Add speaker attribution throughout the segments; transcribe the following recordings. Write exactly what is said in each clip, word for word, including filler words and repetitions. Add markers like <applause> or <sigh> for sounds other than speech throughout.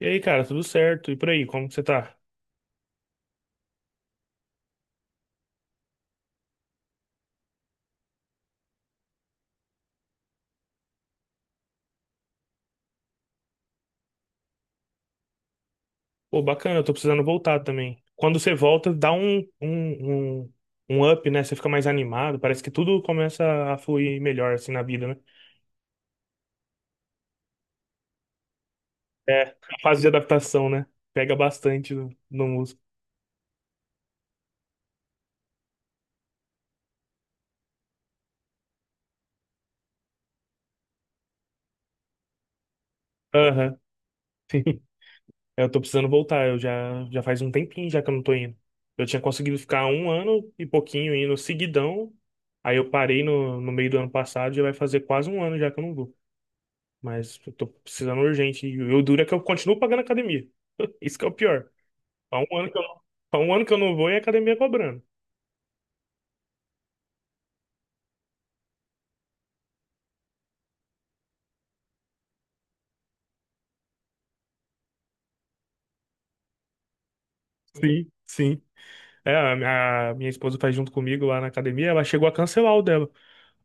Speaker 1: E aí, cara, tudo certo? E por aí, como que você tá? Pô, bacana, eu tô precisando voltar também. Quando você volta, dá um, um, um, um up, né? Você fica mais animado, parece que tudo começa a fluir melhor, assim, na vida, né? É, a fase de adaptação, né? Pega bastante no, no músico. Aham, <laughs> sim. É, eu tô precisando voltar, eu já, já faz um tempinho já que eu não tô indo. Eu tinha conseguido ficar um ano e pouquinho indo seguidão, aí eu parei no, no meio do ano passado, já vai fazer quase um ano já que eu não vou. Mas eu tô precisando urgente. E o duro é que eu continuo pagando academia. <laughs> Isso que é o pior. Há um ano que eu não, há um ano que eu não vou e a academia cobrando. Sim, sim. É, a minha, a minha esposa faz junto comigo lá na academia, ela chegou a cancelar o dela.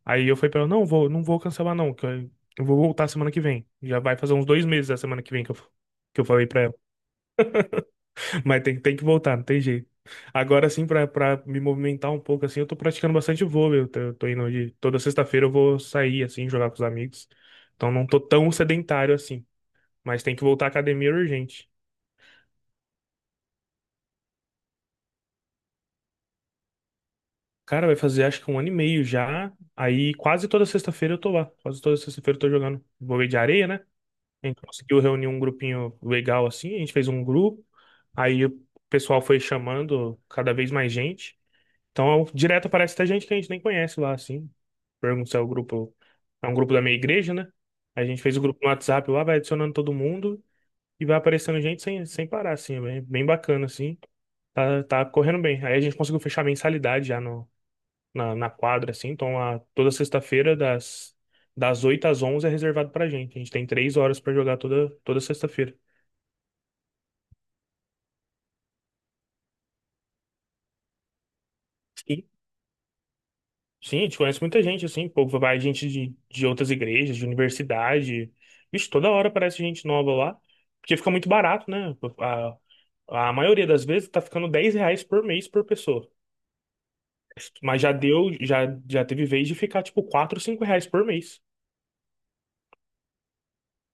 Speaker 1: Aí eu falei pra ela, não vou, não vou cancelar não, que eu, eu vou voltar semana que vem. Já vai fazer uns dois meses da semana que vem que eu, que eu falei pra. Mas tem, tem que voltar, não tem jeito. Agora sim, pra, pra me movimentar um pouco, assim, eu tô praticando bastante vôlei. Eu tô, eu tô indo de... Toda sexta-feira eu vou sair, assim, jogar com os amigos. Então não tô tão sedentário assim. Mas tem que voltar à academia urgente. Cara, vai fazer acho que um ano e meio já. Aí quase toda sexta-feira eu tô lá. Quase toda sexta-feira eu tô jogando vôlei de areia, né? A gente conseguiu reunir um grupinho legal assim. A gente fez um grupo. Aí o pessoal foi chamando cada vez mais gente. Então, direto aparece até gente que a gente nem conhece lá, assim. Pergunto se é o grupo. É um grupo da minha igreja, né? A gente fez o grupo no WhatsApp lá, vai adicionando todo mundo e vai aparecendo gente sem, sem parar, assim. É bem, bem bacana, assim. Tá, tá correndo bem. Aí a gente conseguiu fechar a mensalidade já no, na, na quadra, assim. Então, lá, toda sexta-feira, das, das oito às onze é reservado pra gente. A gente tem três horas pra jogar toda, toda sexta-feira. E Sim, a gente conhece muita gente, assim, pô, vai gente de, de outras igrejas, de universidade. Vixe, toda hora aparece gente nova lá, porque fica muito barato, né? A, a maioria das vezes tá ficando dez reais por mês por pessoa. Mas já deu, já, já teve vez de ficar, tipo, quatro, cinco reais por mês.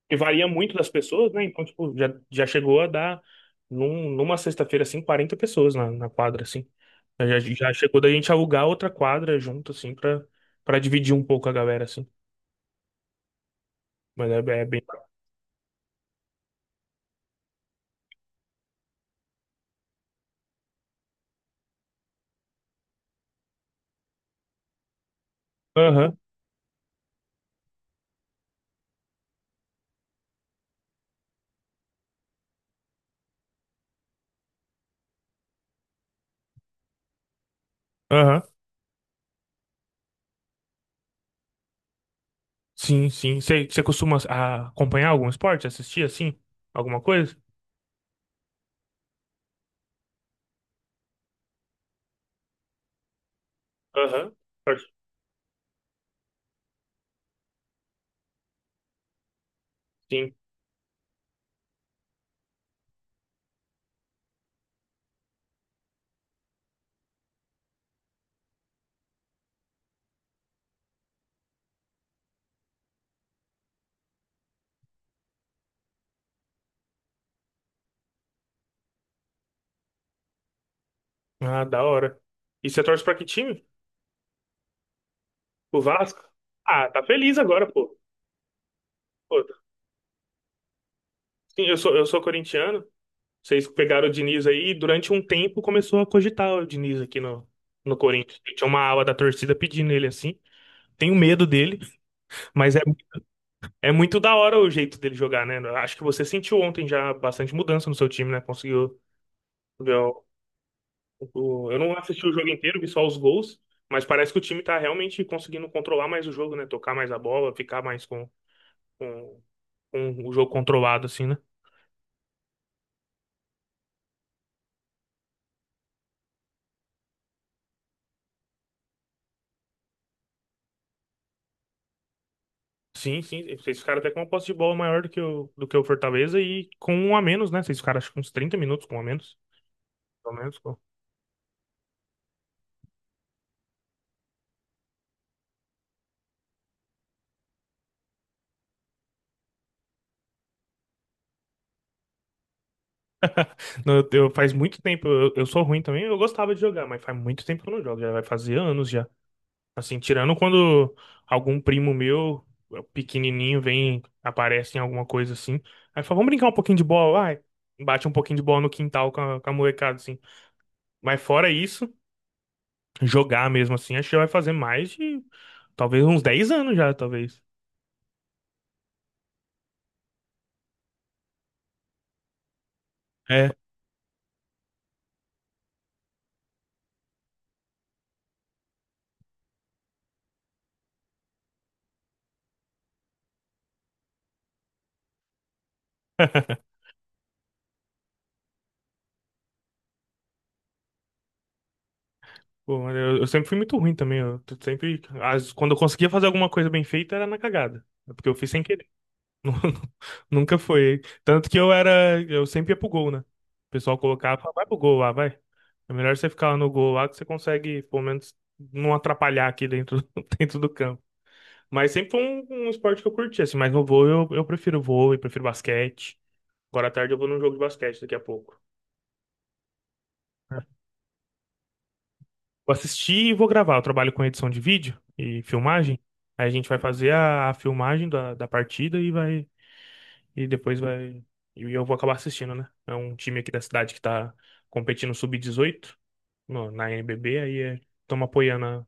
Speaker 1: Que varia muito das pessoas, né? Então, tipo, já, já chegou a dar, num- numa sexta-feira, assim, quarenta pessoas na, na quadra, assim. Já, já chegou da gente alugar outra quadra junto, assim, pra, pra dividir um pouco a galera, assim. Mas é, é bem. Aham, aham. Sim, sim. Você você costuma ah, acompanhar algum esporte? Assistir, assim? Alguma coisa? Aham. Torce- Sim. Ah, da hora. E você torce pra que time? O Vasco? Ah, tá feliz agora, pô. Pô, sim, eu sou, eu sou corintiano. Vocês pegaram o Diniz aí e durante um tempo começou a cogitar o Diniz aqui no, no Corinthians. Tinha uma ala da torcida pedindo ele assim. Tenho medo dele, mas é, é muito da hora o jeito dele jogar, né? Acho que você sentiu ontem já bastante mudança no seu time, né? Conseguiu ver. O- Eu não assisti o jogo inteiro, vi só os gols, mas parece que o time tá realmente conseguindo controlar mais o jogo, né? Tocar mais a bola, ficar mais com, com, com o jogo controlado, assim, né? Sim, sim. Vocês ficaram até com uma posse de bola maior do que o, do que o Fortaleza e com um a menos, né? Vocês ficaram acho que uns trinta minutos com um a menos. Pelo menos, pô. <laughs> Não, eu, eu- faz muito tempo, eu, eu sou ruim também, eu gostava de jogar, mas faz muito tempo que eu não jogo, já vai fazer anos já. Assim, tirando quando algum primo meu, eh, pequenininho, vem, aparece em alguma coisa assim. Aí fala, vamos brincar um pouquinho de bola. Vai. Bate um pouquinho de bola no quintal com a, com a molecada, assim. Mas fora isso, jogar mesmo assim, acho que já vai fazer mais de, talvez, uns dez anos já, talvez. É. Pô, mas eu, eu sempre fui muito ruim também. Eu t- sempre, as- Quando eu conseguia fazer alguma coisa bem feita, era na cagada. É, porque eu fiz sem querer. <laughs> Nunca foi. Tanto que eu era. Eu sempre ia pro gol, né? O pessoal colocava, "Ah, vai pro gol lá, vai. É melhor você ficar lá no gol lá que você consegue, pelo menos, não atrapalhar aqui dentro, <laughs> dentro do campo." Mas sempre foi um, um esporte que eu curti, assim. Mas no vôlei eu, eu prefiro vôlei, prefiro basquete. Agora à tarde eu vou num jogo de basquete daqui a pouco. É. Vou assistir e vou gravar. Eu trabalho com edição de vídeo e filmagem. Aí a gente vai fazer a, a filmagem da, da partida e vai. E depois vai. E eu vou acabar assistindo, né? É um time aqui da cidade que tá competindo sub dezoito no- na N B B, aí é, estamos apoiando a-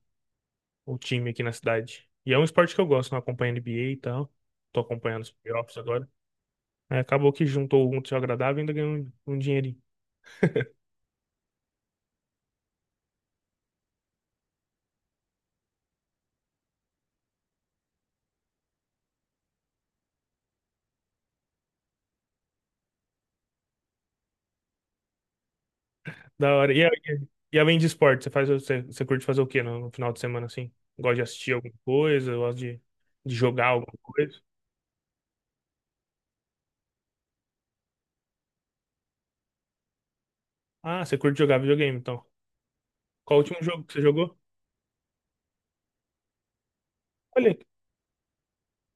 Speaker 1: o time aqui na cidade. E é um esporte que eu gosto, não acompanho N B A e tal. Tô acompanhando os playoffs agora. Aí acabou que juntou o útil agradável e ainda ganhou um, um dinheirinho. Da hora. E, a- e além de esporte, você faz, você, você curte fazer o quê no, no final de semana assim? Gosta de assistir alguma coisa? Gosta de, de jogar alguma coisa? Ah, você curte jogar videogame, então. Qual o último jogo que você jogou? Olha,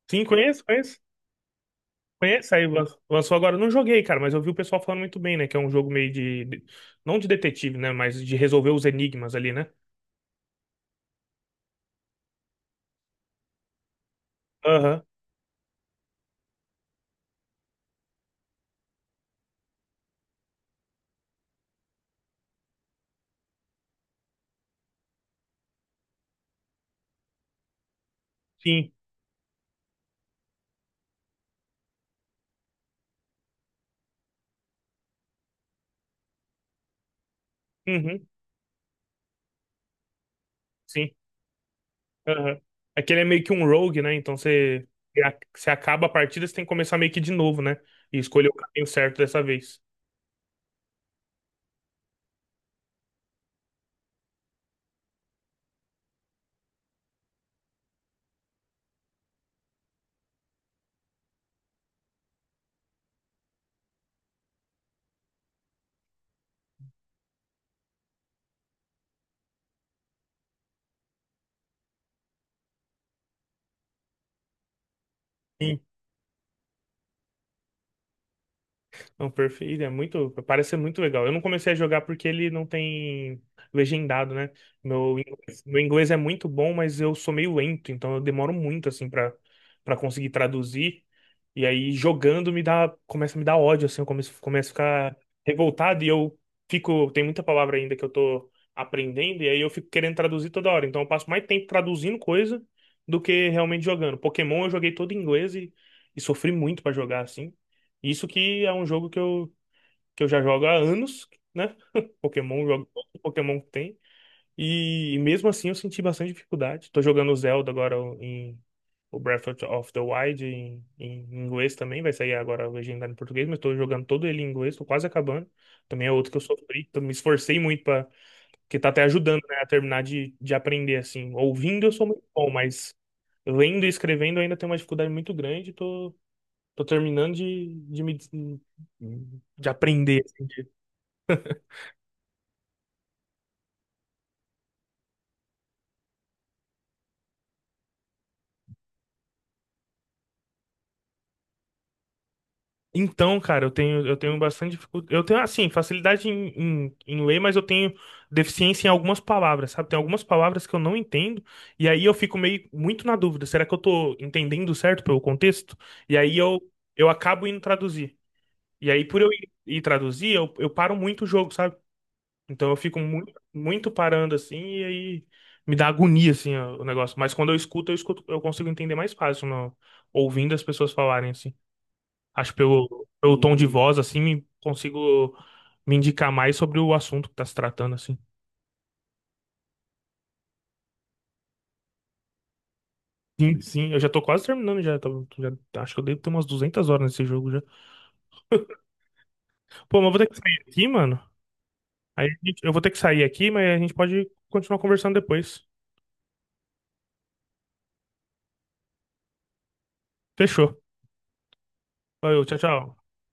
Speaker 1: sim, conheço, conheço. Conhece? Aí lan- lançou agora. Não joguei, cara, mas eu vi o pessoal falando muito bem, né? Que é um jogo meio de. de- não de detetive, né? Mas de resolver os enigmas ali, né? Aham, sim. Uhum, sim. Aham. Aquele é meio que um rogue, né? Então você, você acaba a partida, você tem que começar meio que de novo, né? E escolher o caminho certo dessa vez. Não, perfeito. Ele é muito, parece ser muito legal. Eu não comecei a jogar porque ele não tem legendado, né? Meu inglês, meu inglês é muito bom, mas eu sou meio lento, então eu demoro muito assim para para conseguir traduzir. E aí jogando me dá, começa a me dar ódio assim, eu começo, começo a ficar revoltado e eu fico, tem muita palavra ainda que eu tô aprendendo e aí eu fico querendo traduzir toda hora. Então eu passo mais tempo traduzindo coisa do que realmente jogando. Pokémon eu joguei todo em inglês e, e sofri muito para jogar assim. Isso que é um jogo que eu, que eu já jogo há anos, né? <laughs> Pokémon, eu jogo todo Pokémon que tem. E, e mesmo assim eu senti bastante dificuldade. Tô jogando Zelda agora em o Breath of the Wild em, em inglês também, vai sair agora legendado em português, mas tô jogando todo ele em inglês, tô quase acabando. Também é outro que eu sofri, então me esforcei muito para que tá até ajudando, né, a terminar de, de aprender assim. Ouvindo eu sou muito bom, mas lendo e escrevendo eu ainda tenho uma dificuldade muito grande, tô Tô terminando de, de me de aprender. Assim, de- então, cara, eu tenho eu tenho bastante dificuldade. Eu tenho assim, facilidade em, em, em ler, mas eu tenho deficiência em algumas palavras, sabe? Tem algumas palavras que eu não entendo, e aí eu fico meio muito na dúvida. Será que eu tô entendendo certo pelo contexto? E aí eu eu acabo indo traduzir. E aí, por eu ir, ir traduzir, eu, eu paro muito o jogo, sabe? Então eu fico muito, muito parando assim e aí me dá agonia assim o o negócio. Mas quando eu escuto, eu escuto, eu consigo entender mais fácil no- ouvindo as pessoas falarem assim. Acho que pelo, pelo tom de voz assim, me- consigo me indicar mais sobre o assunto que tá se tratando assim. Sim, sim, eu já tô quase terminando já, tô- já- acho que eu devo ter umas duzentas horas nesse jogo já. Pô, mas eu vou ter que sair aqui, mano. Aí a gente- eu vou ter que sair aqui, mas a gente pode continuar conversando depois. Fechou. Valeu, tchau, tchau.